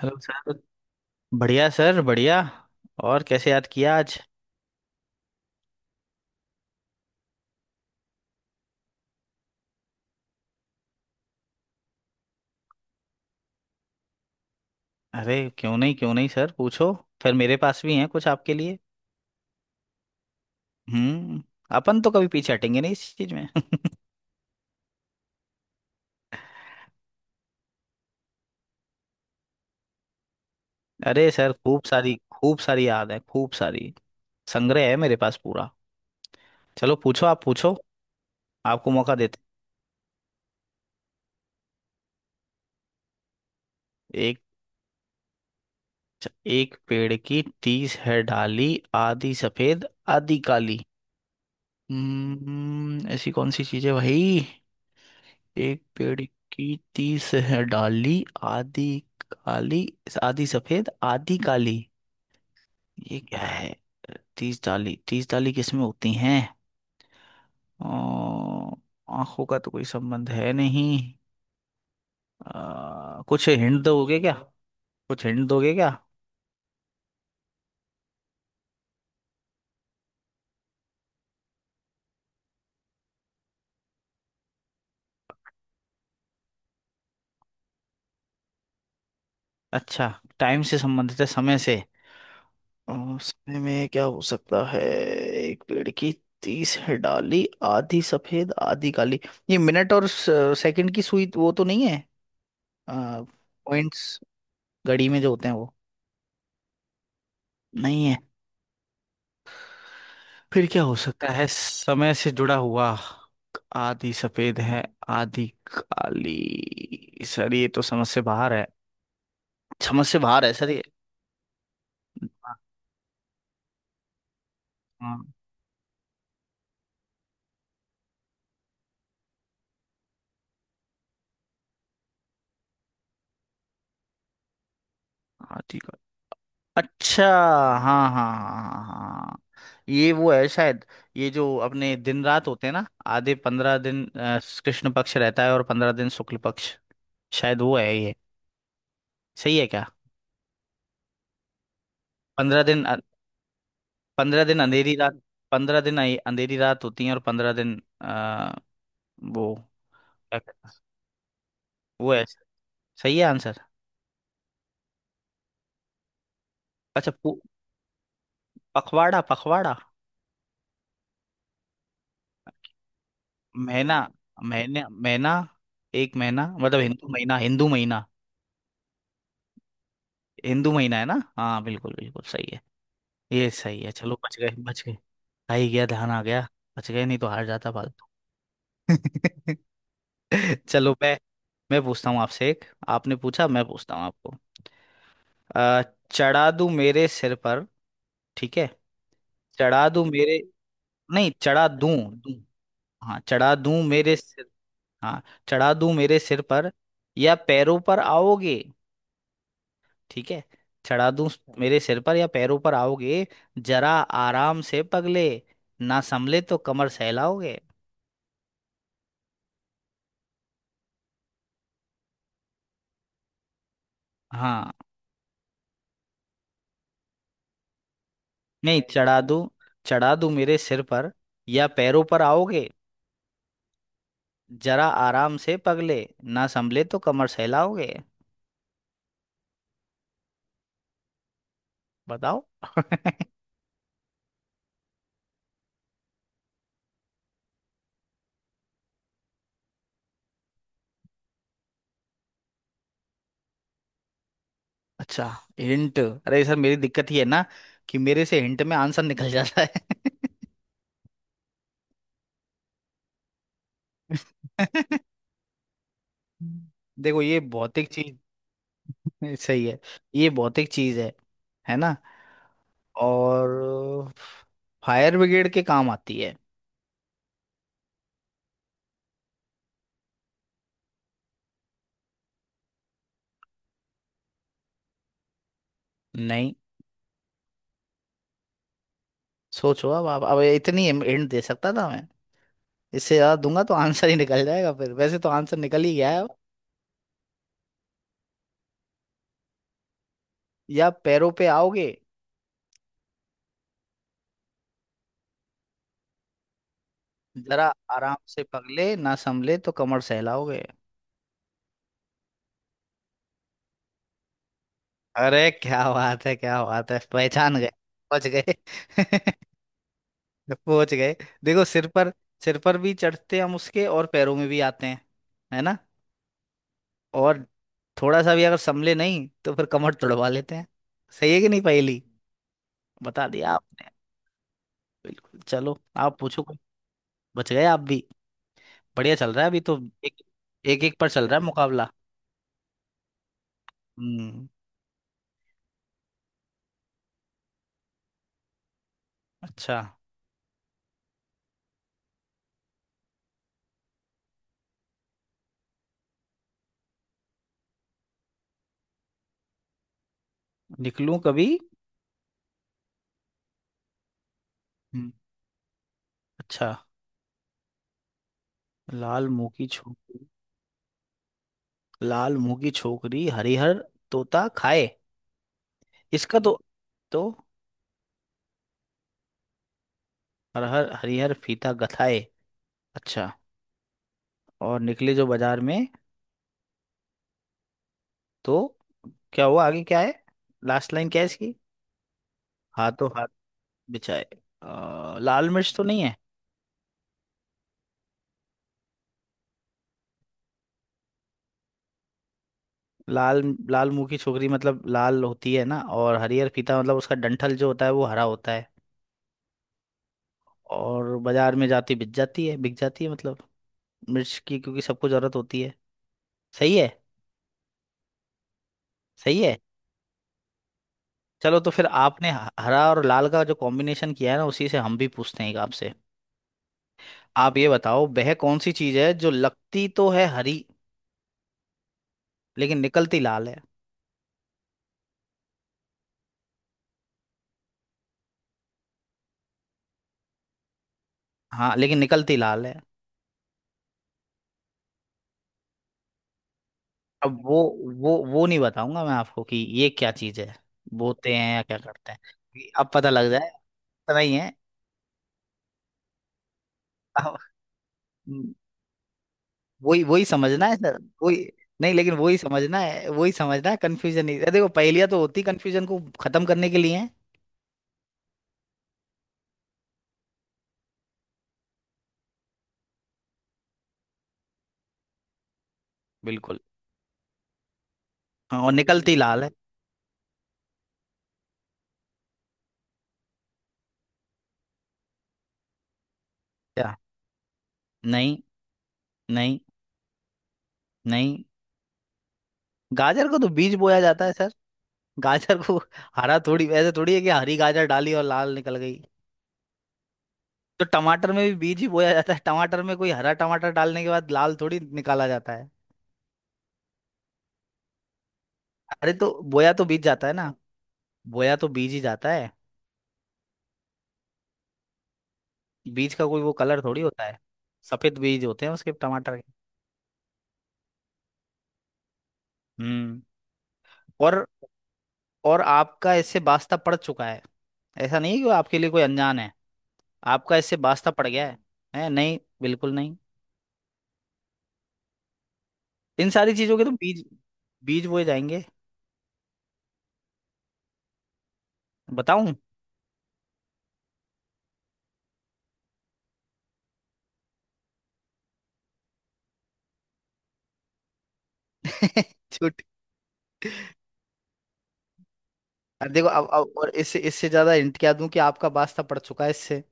Hello sir. बढ़िया sir बढ़िया। और कैसे याद किया आज? अरे क्यों नहीं सर पूछो। फिर मेरे पास भी हैं कुछ आपके लिए। हम्म। अपन तो कभी पीछे हटेंगे नहीं इस चीज में। अरे सर खूब सारी याद है खूब सारी। संग्रह है मेरे पास पूरा। चलो पूछो आप पूछो। आपको मौका देते हैं। एक एक पेड़ की 30 है डाली आधी सफेद आधी काली। हम्म। ऐसी कौन सी चीज है भाई? एक पेड़ की तीस है डाली आधी काली आधी सफेद आधी काली। ये क्या है? 30 डाली 30 डाली किसमें होती हैं? अ, आंखों का तो कोई संबंध है नहीं। कुछ हिंट दोगे क्या? कुछ हिंट दोगे क्या? अच्छा। टाइम से संबंधित है समय से। अ, समय में क्या हो सकता है? एक पेड़ की तीस है डाली आधी सफेद आधी काली। ये मिनट और सेकंड की सुई वो तो नहीं है? पॉइंट्स घड़ी में जो होते हैं वो? नहीं है। फिर क्या हो सकता है समय से जुड़ा हुआ? आधी सफेद है आधी काली सर ये तो समझ से बाहर है। समझ से बाहर है सर ये। हाँ। हाँ, आधी काली अच्छा। हाँ हाँ हाँ हाँ। ये वो है शायद। ये जो अपने दिन रात होते हैं ना आधे 15 दिन कृष्ण पक्ष रहता है और 15 दिन शुक्ल पक्ष। शायद वो है ये। सही है क्या? 15 दिन। 15 दिन अंधेरी रात। 15 दिन अंधेरी रात होती है और 15 दिन वो क्या कहते हैं? वो है। सही है आंसर। अच्छा पखवाड़ा पखवाड़ा। महीना महीने महीना। एक महीना मतलब हिंदू महीना हिंदू महीना। हिंदू महीना है ना हाँ बिल्कुल बिल्कुल सही है। ये सही है चलो बच गए बच गए। आ ही गया ध्यान आ गया। बच गए नहीं तो हार जाता फालतू। चलो मैं पूछता हूँ आपसे एक आपने पूछा मैं पूछता हूँ आपको। अ, चढ़ा दूं मेरे सिर पर। ठीक है। चढ़ा दूं मेरे नहीं चढ़ा दूं दूं। हाँ चढ़ा दूं मेरे सिर। हाँ चढ़ा दूं मेरे सिर पर या पैरों पर आओगे। ठीक है। चढ़ा दूं मेरे सिर पर या पैरों पर आओगे। जरा आराम से पगले ना संभले तो कमर सहलाओगे। हाँ। नहीं चढ़ा दूं। चढ़ा दूं मेरे सिर पर या पैरों पर आओगे। जरा आराम से पगले ना संभले तो कमर सहलाओगे। बताओ। अच्छा। हिंट अरे सर मेरी दिक्कत ही है ना कि मेरे से हिंट में आंसर निकल जाता है। देखो ये भौतिक चीज। सही है। ये भौतिक चीज है ना। और फायर ब्रिगेड के काम आती है। नहीं। सोचो। अब आप अब इतनी हिंट दे सकता था मैं। इससे ज्यादा दूंगा तो आंसर ही निकल जाएगा फिर वैसे तो आंसर निकल ही गया है अब। या पैरों पे आओगे जरा आराम से पगले ना संभले तो कमर सहलाओगे। अरे क्या बात है पहचान गए। पहुंच गए। पहुंच गए। देखो सिर पर भी चढ़ते हैं हम उसके और पैरों में भी आते हैं। है ना। और थोड़ा सा भी अगर संभले नहीं तो फिर कमर तुड़वा लेते हैं। सही है कि नहीं पहेली? बता दिया आपने। बिल्कुल चलो आप पूछो कोई। बच गए आप भी। बढ़िया चल रहा है अभी तो। एक एक, एक पर चल रहा है मुकाबला। हम्म। अच्छा। निकलूं कभी। हम्म। अच्छा। लाल मुंह की छू। लाल मुंह की छोकरी हरिहर तोता खाए। इसका तो। हरहर हरिहर फीता गथाए। अच्छा। और निकले जो बाजार में तो क्या हुआ आगे क्या है? लास्ट लाइन क्या है इसकी? हाथों हाथ बिछाए। लाल मिर्च तो नहीं है? लाल लाल मुंह की छोकरी मतलब लाल होती है ना और हरिहर फीता मतलब उसका डंठल जो होता है वो हरा होता है। और बाजार में जाती बिक जाती है मतलब। मिर्च की क्योंकि सबको जरूरत होती है। सही है। सही है। चलो तो फिर आपने हरा और लाल का जो कॉम्बिनेशन किया है ना उसी से हम भी पूछते हैं एक आपसे। आप ये बताओ वह कौन सी चीज है जो लगती तो है हरी लेकिन निकलती लाल है? हाँ लेकिन निकलती लाल है। अब वो नहीं बताऊंगा मैं आपको कि ये क्या चीज है। बोते हैं या क्या करते हैं ये अब पता लग जाए। इतना ही है। अब हम्म, वही वही समझना है सर वही। नहीं लेकिन वही समझना है कंफ्यूजन नहीं। अरे देखो पहेलियां तो होती कंफ्यूजन को खत्म करने के लिए हैं। बिल्कुल। हाँ, और निकलती लाल है। क्या? नहीं नहीं नहीं। गाजर को तो बीज बोया जाता है सर। गाजर को हरा थोड़ी ऐसे थोड़ी है कि हरी गाजर डाली और लाल निकल गई। तो टमाटर में भी बीज ही बोया जाता है टमाटर में कोई हरा टमाटर डालने के बाद लाल थोड़ी निकाला जाता है। अरे तो बोया तो बीज जाता है ना। बोया तो बीज ही जाता है। बीज का कोई वो कलर थोड़ी होता है। सफेद बीज होते हैं उसके टमाटर के। हम्म। और और आपका इससे वास्ता पड़ चुका है। ऐसा नहीं है कि वो आपके लिए कोई अनजान है। आपका इससे वास्ता पड़ गया है नहीं बिल्कुल नहीं। इन सारी चीजों के तो बीज बीज बोए जाएंगे। बताऊं। छूट। अब देखो अब, और इससे इससे ज्यादा हिंट क्या दूं कि आपका वास्ता पड़ चुका है इससे।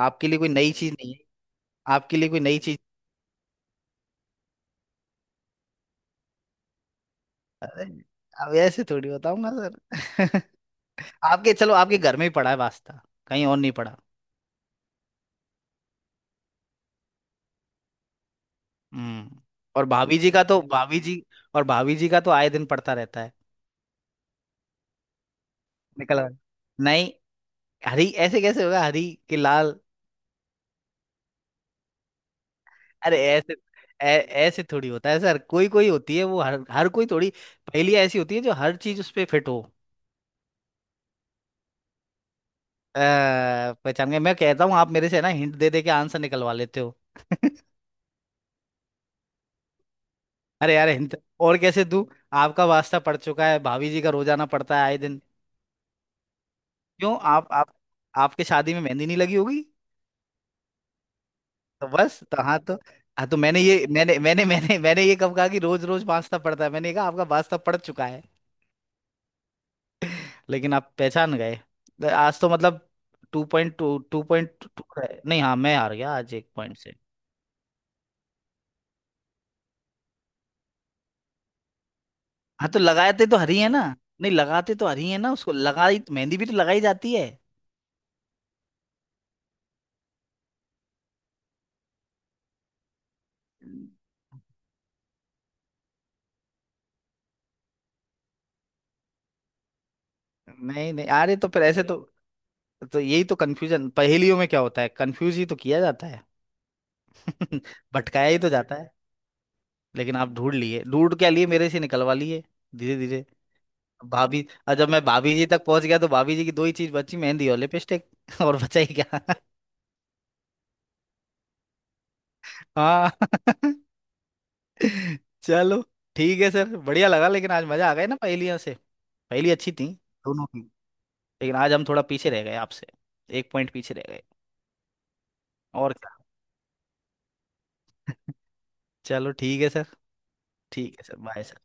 आपके लिए कोई नई चीज नहीं है। आपके लिए कोई नई चीज। अरे अब ऐसे थोड़ी बताऊंगा सर। आपके चलो आपके घर में ही पड़ा है वास्ता। कहीं और नहीं पड़ा। हम्म। और भाभी जी का तो भाभी जी और भाभी जी का तो आए दिन पड़ता रहता है। निकल गए। नहीं। हरी ऐसे कैसे होगा हरी के लाल? अरे ऐसे ऐ- ऐसे थोड़ी होता है सर कोई कोई होती है वो हर हर कोई थोड़ी। पहेली ऐसी होती है जो हर चीज उस पे फिट हो। अ, पहचान गए। मैं कहता हूँ आप मेरे से ना हिंट दे दे के आंसर निकलवा लेते हो। अरे यार हिंट और कैसे दूं? आपका वास्ता पड़ चुका है भाभी जी का रोजाना पड़ता है आए दिन। क्यों आप आपके शादी में मेहंदी नहीं लगी होगी? तो बस तो हाँ तो हाँ तो मैंने ये मैंने मैंने मैंने मैंने ये कब कहा कि रोज रोज वास्ता पड़ता है मैंने कहा आपका वास्ता पड़ चुका है। लेकिन आप पहचान गए। तो आज तो मतलब 2.2 है नहीं हाँ मैं हार गया आज 1 पॉइंट से। हाँ तो लगाते तो हरी है ना। नहीं लगाते तो हरी है ना उसको लगाई मेहंदी भी तो लगाई जाती है। नहीं नहीं अरे तो फिर ऐसे तो। तो यही तो कंफ्यूजन पहेलियों में क्या होता है कंफ्यूज ही तो किया जाता है। भटकाया ही तो जाता है। लेकिन आप ढूंढ लिए ढूंढ क्या लिए मेरे से निकलवा लिए। धीरे धीरे। भाभी और जब मैं भाभी जी तक पहुंच गया तो भाभी जी की दो ही चीज बची मेहंदी और लिपस्टिक। और बचा ही क्या। हाँ चलो ठीक है सर। बढ़िया लगा लेकिन आज मजा आ गया ना पहेलियों से। पहेली अच्छी थी दोनों की। लेकिन आज हम थोड़ा पीछे रह गए आपसे। एक पॉइंट पीछे रह गए। और क्या। चलो ठीक है सर। ठीक है सर बाय सर।